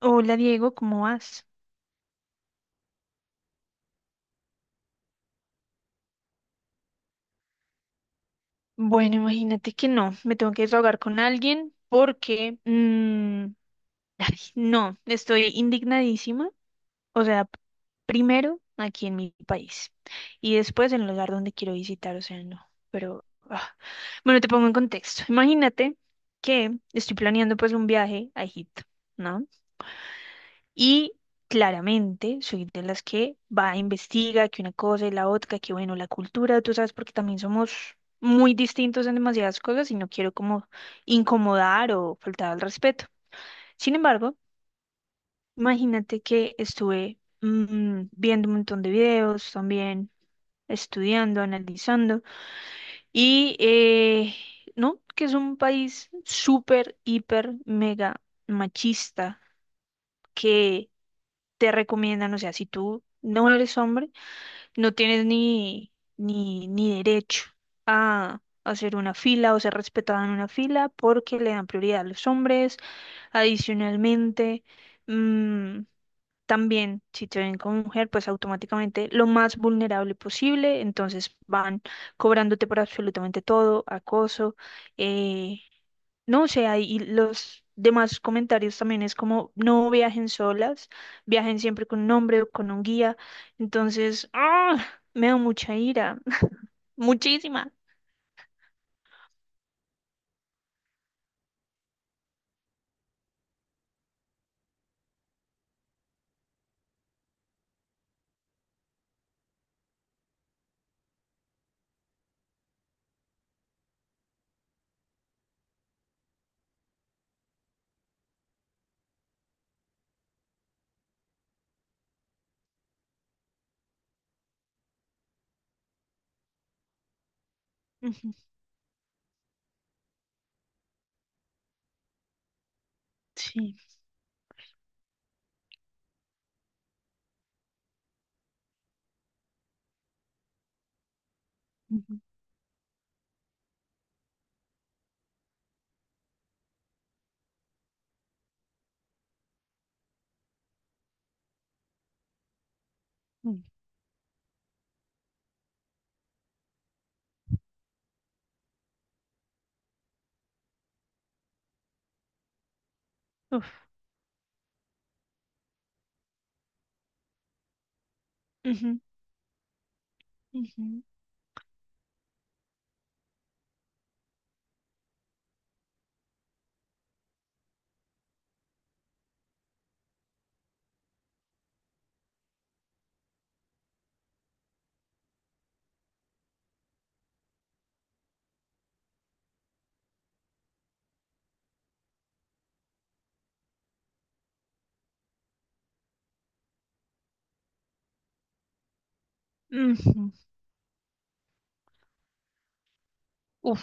Hola Diego, ¿cómo vas? Bueno, imagínate que no, me tengo que desahogar con alguien porque no, estoy indignadísima. O sea, primero aquí en mi país y después en el lugar donde quiero visitar, o sea, no. Pero ah. Bueno, te pongo en contexto. Imagínate que estoy planeando pues un viaje a Egipto, ¿no? Y claramente soy de las que va a investiga que una cosa y la otra, que bueno, la cultura, tú sabes, porque también somos muy distintos en demasiadas cosas y no quiero como incomodar o faltar al respeto. Sin embargo, imagínate que estuve viendo un montón de videos también, estudiando, analizando y no, que es un país súper, hiper, mega machista que te recomiendan, o sea, si tú no eres hombre, no tienes ni derecho a hacer una fila o ser respetado en una fila porque le dan prioridad a los hombres. Adicionalmente, mm, también si te ven como mujer, pues automáticamente lo más vulnerable posible, entonces van cobrándote por absolutamente todo, acoso, eh, no, o sea, y los demás comentarios también es como, no viajen solas, viajen siempre con un hombre o con un guía. Entonces, ¡ah! Me da mucha ira, muchísima. Ujú. Sí. Ujú, ujú. Uf. Ujú, ujú, ujú. Uf.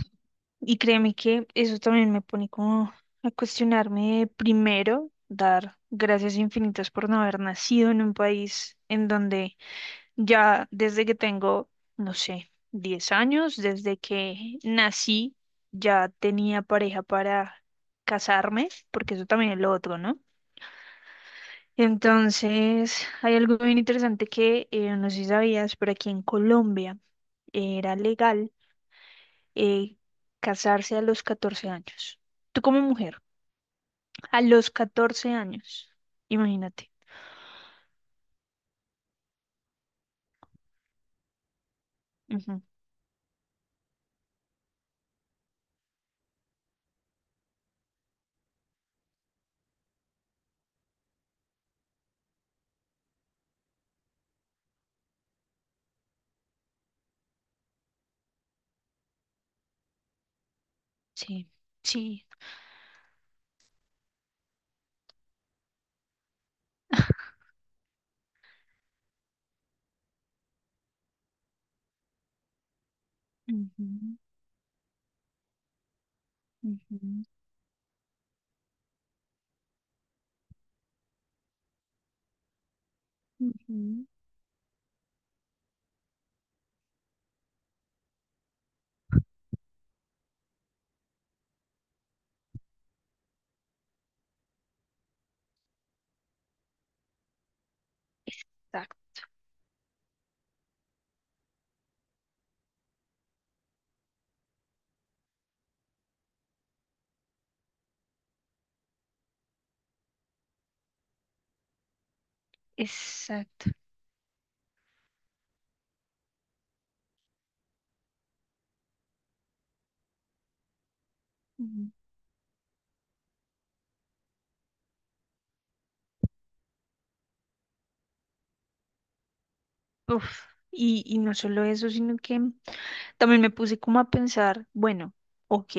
Y créeme que eso también me pone como a cuestionarme primero, dar gracias infinitas por no haber nacido en un país en donde ya desde que tengo, no sé, 10 años, desde que nací, ya tenía pareja para casarme, porque eso también es lo otro, ¿no? Entonces, hay algo bien interesante que no sé si sabías, pero aquí en Colombia era legal eh, casarse a los 14 años. Tú como mujer, a los 14 años, imagínate. Ujú. Sí, sí. Ujú, ujú, ujú. Exacto. Exacto. Ujú. Uf, y no solo eso, sino que también me puse como a pensar, bueno, ok,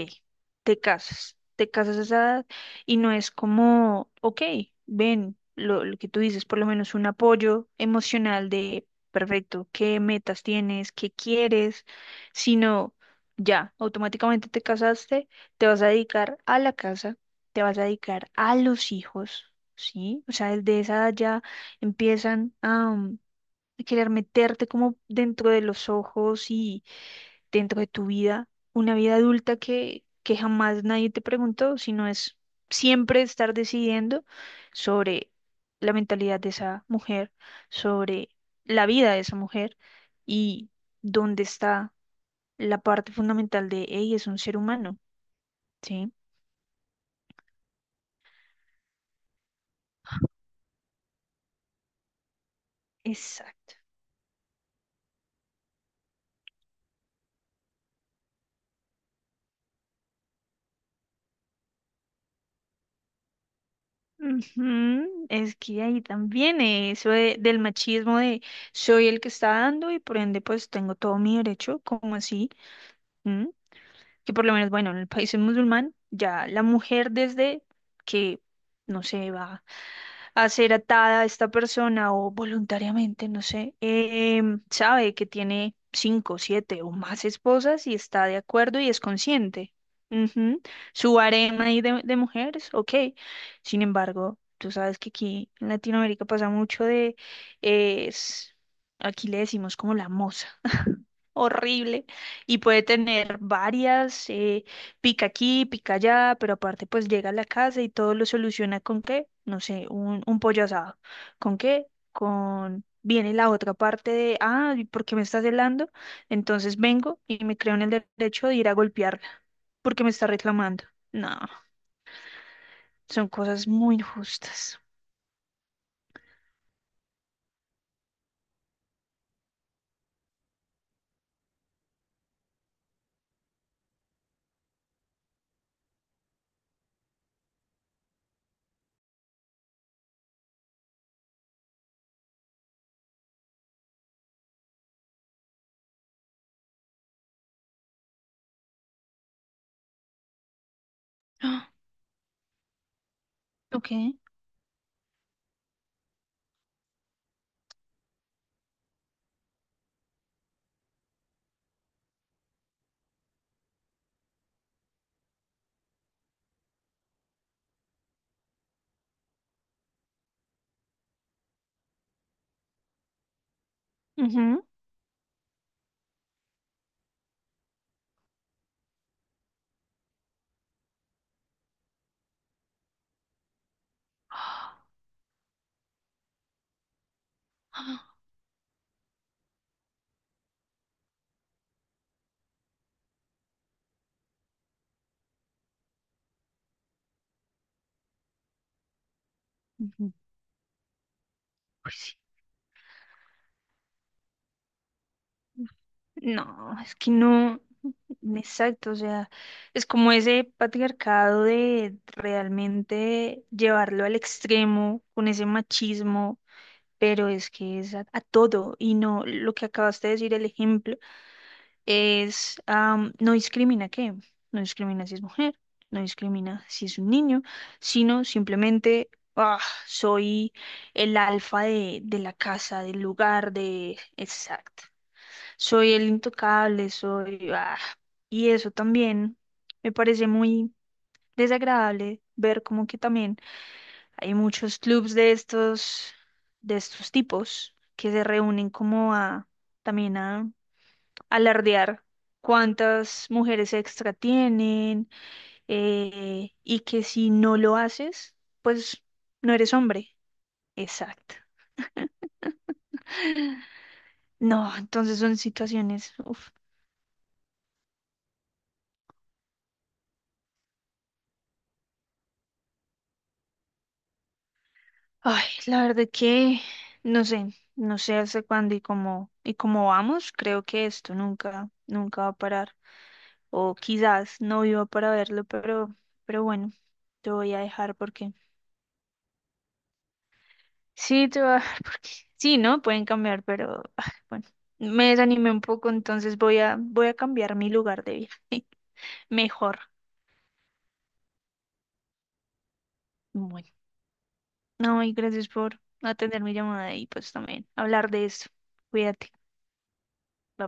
te casas a esa edad y no es como, ok, ven, lo que tú dices, por lo menos un apoyo emocional de, perfecto, qué metas tienes, qué quieres, sino ya, automáticamente te casaste, te vas a dedicar a la casa, te vas a dedicar a los hijos, ¿sí? O sea, desde esa edad ya empiezan a querer meterte como dentro de los ojos dentro de tu vida, una vida adulta que jamás nadie te preguntó, sino es siempre estar decidiendo sobre la mentalidad de esa mujer, sobre la vida de esa mujer y dónde está la parte fundamental de ella, es un ser humano, ¿sí? Exacto. Ujú. Es que ahí también eso del machismo de soy el que está dando y por ende pues tengo todo mi derecho, ¿como así? Que por lo menos, bueno, en el país musulmán, ya la mujer desde que, no sé, va a ser atada a esta persona o voluntariamente, no sé, sabe que tiene cinco, siete o más esposas y está de acuerdo y es consciente. Ujú. Su harem ahí de mujeres, ok. Sin embargo, tú sabes que aquí en Latinoamérica pasa mucho es, aquí le decimos como la moza horrible y puede tener varias, pica aquí, pica allá, pero aparte pues llega a la casa y todo lo soluciona con qué, no sé, un pollo asado. ¿Con qué? Viene la otra parte de, ¿y por qué me estás celando? Entonces vengo y me creo en el derecho de ir a golpearla porque me está reclamando. No, son cosas muy injustas. Ah, ok. Ujú. Ah, ujú. Pues sí. No, es que no. Exacto, o sea, es como ese patriarcado de realmente llevarlo al extremo con ese machismo, pero es que es a todo y no lo que acabaste de decir, el ejemplo es no discrimina qué, no discrimina si es mujer, no discrimina si es un niño, sino simplemente ah, soy el alfa de la casa, del lugar. Exacto. Soy el intocable. Y eso también me parece muy desagradable ver como que también hay muchos clubs de estos, tipos que se reúnen como a también a alardear cuántas mujeres extra tienen y que si no lo haces, pues no eres hombre. Exacto. No, entonces son situaciones. Uf. Ay, la verdad que no sé, no sé hasta cuándo y cómo vamos, creo que esto nunca, nunca va a parar. O quizás no viva para verlo, pero, bueno, te voy a dejar porque sí, te voy a dejar porque sí, ¿no? Pueden cambiar, pero bueno, me desanimé un poco, entonces voy a cambiar mi lugar de viaje. Mejor. Bueno, no, y gracias por atender mi llamada y pues también hablar de esto. Cuídate. Bye.